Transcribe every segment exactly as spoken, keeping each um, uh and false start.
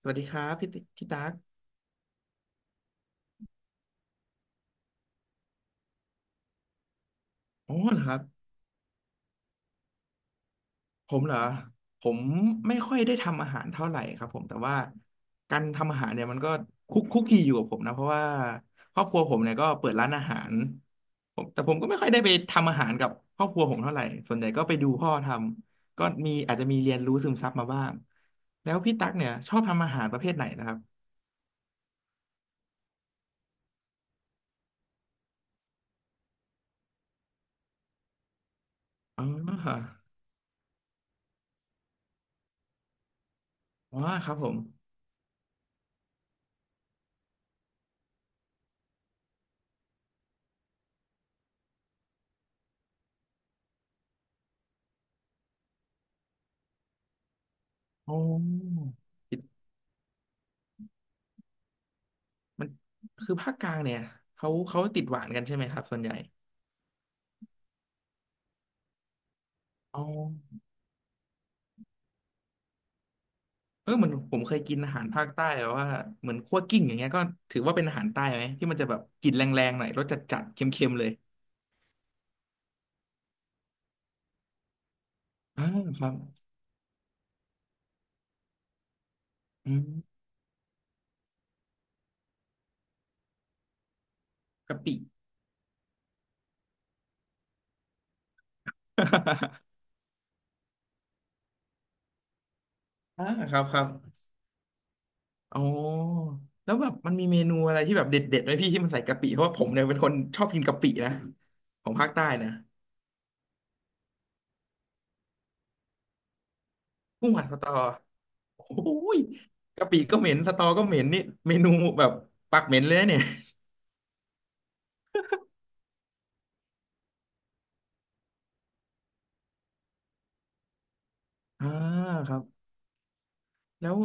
สวัสดีครับพี่ติพี่ตั๊กอ๋อเหรอครับผมเหรอผมไม่ค่อยได้ทำอาหารเท่าไหร่ครับผมแต่ว่าการทำอาหารเนี่ยมันก็คุกคุกคีอยู่กับผมนะเพราะว่าครอบครัวผมเนี่ยก็เปิดร้านอาหารผมแต่ผมก็ไม่ค่อยได้ไปทำอาหารกับครอบครัวผมเท่าไหร่ส่วนใหญ่ก็ไปดูพ่อทำก็มีอาจจะมีเรียนรู้ซึมซับมาบ้างแล้วพี่ตั๊กเนี่ยชอบทำอาหารประเภทไหนนะครับอ๋ออ๋อครับผมอ๋อมันคือภาคกลางเนี่ยเขาเขาติดหวานกันใช่ไหมครับส่วนใหญ่ อ๋อเออเหมือนผมเคยกินอาหารภาคใต้แบบว่าเหมือนคั่วกิ้งอย่างเงี้ยก็ถือว่าเป็นอาหารใต้ไหมที่มันจะแบบกลิ่นแรงๆหน่อยรสจัดๆเค็มๆเลยอ่าครับอืมกะปิ อ่าครับครับอ๋อแล้วแบบมันมีเมนูอะไรที่แบบเด็ดๆไหมพี่ที่มันใส่กะปิเพราะว่าผมเนี่ยเป็นคนชอบกินกะปินะของภาคใต้นะกุ้งผัดสตอโอ้ยกะปิก็เหม็นสตอก็เหม็นนี่เมนูแบบปากเหม็นเลยนะเนี่ยอ่าครับแล้ว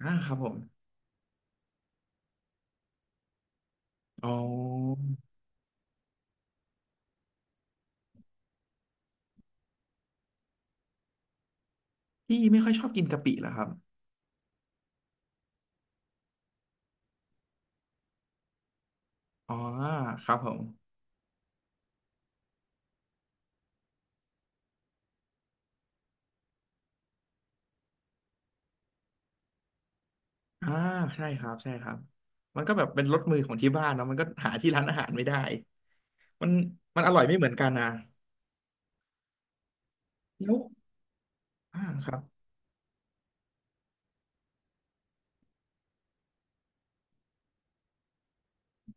อ่าครับผม อ๋อพี่ไม่ค่อยชอบกินกะปิเหรอครับอ๋อครับผมอ่าใช่ครับใช่ครับมันก็แบบเป็นรสมือของที่บ้านเนาะมันก็หาที่ร้านอาหารไม่ได้มันมันอร่อยไม่เหมือนกันนะแล้วอ่าครับ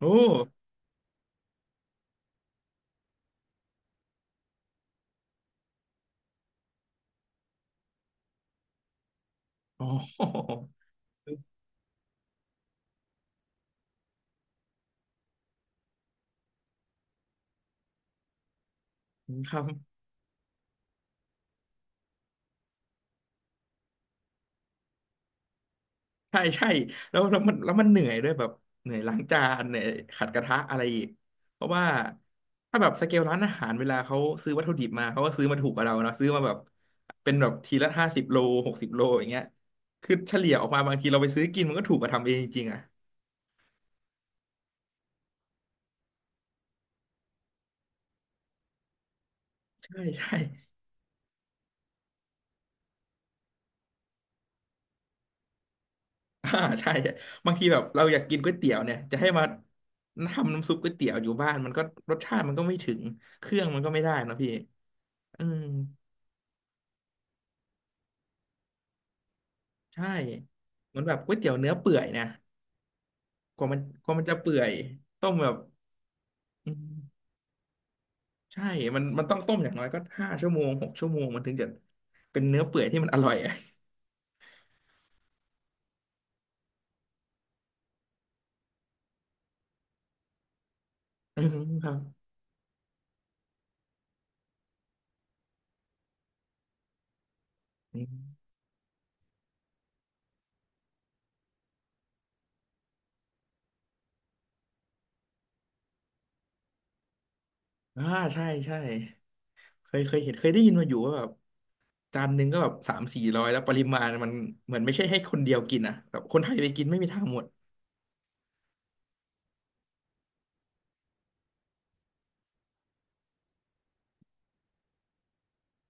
โอ้อ๋อ ครับ ใช่ใช่แล้วแล้วมันแล้วมันเหนื่อยด้วยแบบเหนื่อยล้างจานเหนื่อยขัดกระทะอะไรอีกเพราะว่าถ้าแบบสเกลร้านอาหารเวลาเขาซื้อวัตถุดิบมาเขาก็ซื้อมาถูกกว่าเราเนาะซื้อมาแบบเป็นแบบทีละห้าสิบโลหกสิบโลอย่างเงี้ยคือเฉลี่ยออกมาบางทีเราไปซื้อกินมันก็ถูกกว่าทำเองจริงๆอ่ะใช่ใช่ อ่าใช่บางทีแบบเราอยากกินก๋วยเตี๋ยวเนี่ยจะให้มาทำน้ำซุปก๋วยเตี๋ยวอยู่บ้านมันก็รสชาติมันก็ไม่ถึงเครื่องมันก็ไม่ได้นะพี่อืมใช่เหมือนแบบก๋วยเตี๋ยวเนื้อเปื่อยเนี่ย กว่ามันกว่ามันจะเปื่อยต้มแบบอืมใช่มันมันต้องต้มอย่างน้อยก็ห้าชั่วโมงหกชั่วโมงมันถึงจะเป็นเนื้อเปื่อยที่มันอร่อยอะ อืมครับอืมอ่าใช่ใช่เคยเคยเห็นเคยได้ยินมาอยู่ว่าแบบจานหนึ่งก็แบบสามสี่ร้อยแล้วปริมาณมันเหมือนไม่ใช่ให้คนเดียวกินอ่ะแบบคนไทยไปกินไม่มีทางหมด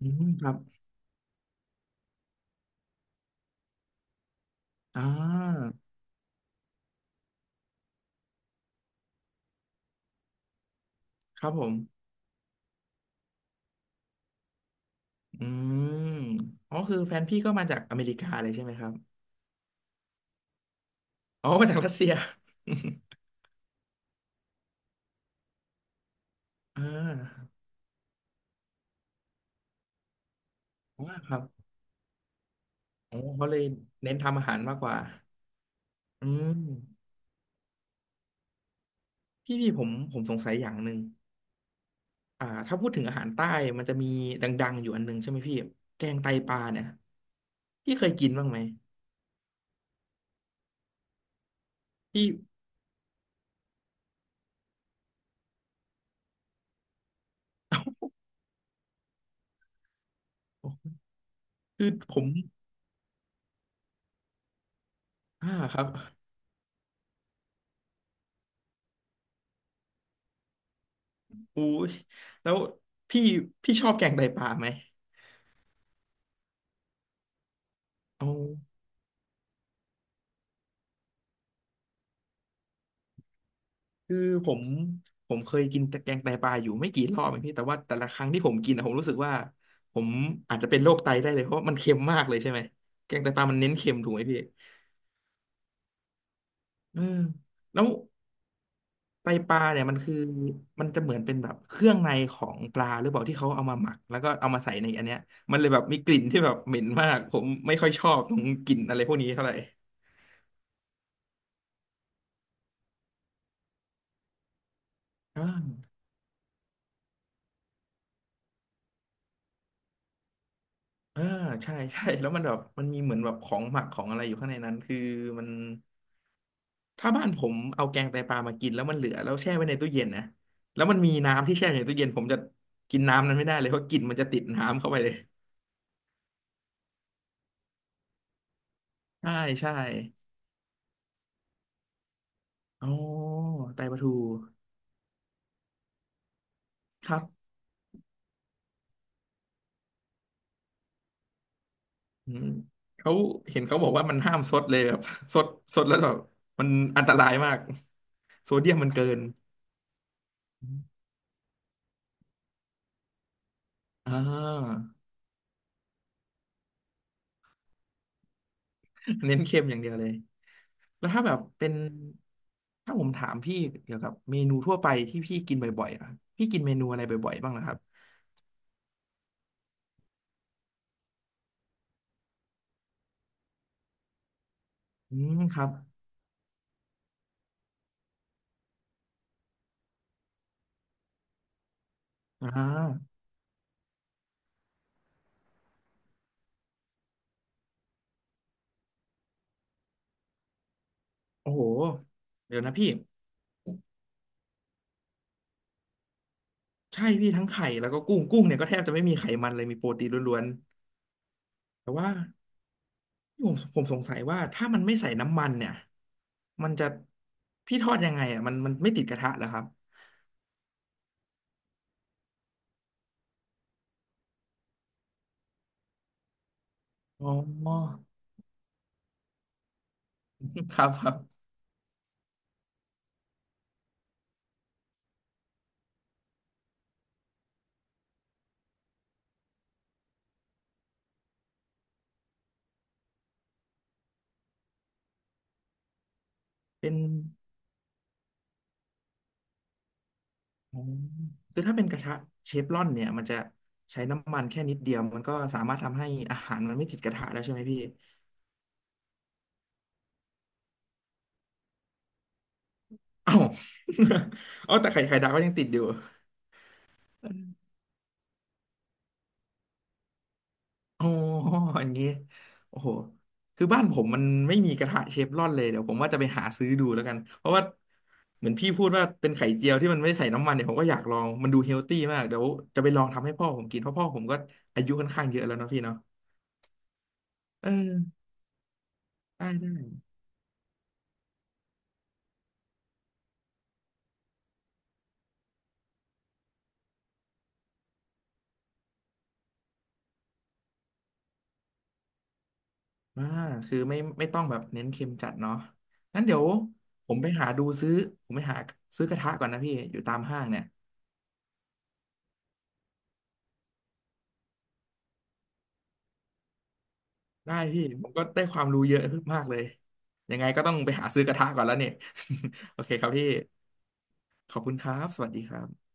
อืมครับอ่าครับผมอืมอ๋อคือแฟนพี่ก็มาจากอเมริกาเลยใช่ไหมครับอ๋อมาจากรัสเซีย อ่าอ่าครับ อ๋อเขาเลยเน้นทำอาหารมากกว่าอืมพี่พี่ผมผมสงสัยอย่างหนึ่งอ่าถ้าพูดถึงอาหารใต้มันจะมีดังๆอยู่อันหนึงใช่ไหมพี่แกงไตปลาเนี่ยพี่เคยกินบ้างไหมพี่คือผมอ่าครับอุ้ยแล้วพี่พี่ชอบแกงไตปลาไหมเอาคือผมผมเคยกินแต่แกงไตปลาอยู่ไม่กี่รอบเองพี่แต่ว่าแต่ละครั้งที่ผมกินอะผมรู้สึกว่าผมอาจจะเป็นโรคไตได้เลยเพราะมันเค็มมากเลยใช่ไหมแกงไตปลามันเน้นเค็มถูกไหมพี่ เออแล้วไตปลาเนี่ยมันคือมันจะเหมือนเป็นแบบเครื่องในของปลาหรือเปล่าที่เขาเอามาหมักแล้วก็เอามาใส่ในอันเนี้ยมันเลยแบบมีกลิ่นที่แบบเหม็นมากผมไม่ค่อยชอบตรงกลิ่นอะไรพวกนี้เท่าไหร่อ่าเออใช่ใช่แล้วมันแบบมันมีเหมือนแบบของหมักของอะไรอยู่ข้างในนั้นคือมันถ้าบ้านผมเอาแกงไตปลามากินแล้วมันเหลือแล้วแช่ไว้ในตู้เย็นนะแล้วมันมีน้ำที่แช่อยู่ในตู้เย็นผมจะกินน้ำนั้นไม่ได้เลยเพราะกลิ่นมันจะติดน้ำเข้าไปเลยใช่ใช่อ๋อไตปลาทูครับ อืมเขาเห็นเขาบอกว่ามันห้ามซดเลยแบบ ซดซดแล้วแบบมันอันตรายมากโซเดียมมันเกินอมอ่า เน้นเค็มอย่างเดียวเลยแล้วถ้าแบบเป็นถ้าผมถามพี่เกี่ยวกับเมนูทั่วไปที่พี่กินบ่อยๆอ่ะพี่กินเมนูอะไรบ่อยๆบ้างนะครับอืมครับอ่าโอ้โหเดี๋ยวนะพี่ใช่พี่ทั้งไข่แล้วก็กุ้งกุ้งเนี่ยก็แทบจะไม่มีไขมันเลยมีโปรตีนล้วนๆแต่ว่า ผมผมสงสัยว่าถ้ามันไม่ใส่น้ำมันเนี่ยมันจะพี่ทอดยังไงอ่ะมันมันไม่ติดกระทะเหรอครับอ๋อ ครับครับเป็นอ๋อคือถ้าเป็นกระทะเชฟรอนเนี่ยมันจะใช้น้ำมันแค่นิดเดียวมันก็สามารถทำให้อาหารมันไม่ติดกระทะแล้วใช่ไหมพี่เอ้า เอ้า แต่ไข่ไข่ดาวก็ยังติดอยู่ อ๋ออย่างงี้โอ้โหคือบ้านผมมันไม่มีกระทะเชฟรอนเลยเดี๋ยวผมว่าจะไปหาซื้อดูแล้วกันเพราะว่าเหมือนพี่พูดว่าเป็นไข่เจียวที่มันไม่ใส่น้ำมันเนี่ยผมก็อยากลองมันดูเฮลตี้มากเดี๋ยวจะไปลองทำให้พ่อผมกินเพราะพ่อผมก็อายุค่อนข้างเยอะแล้วเนาะพี่เนาะเออได้ได้อ่าคือไม่ไม่ต้องแบบเน้นเค็มจัดเนาะงั้นเดี๋ยวผมไปหาดูซื้อผมไปหาซื้อกระทะก่อนนะพี่อยู่ตามห้างเนี่ย ได้พี่ผมก็ได้ความรู้เยอะขึ้นมากเลยยังไงก็ต้องไปหาซื้อกระทะก่อนแล้วเนี่ย โอเคครับพี่ขอบคุณครับสวัสดีครับ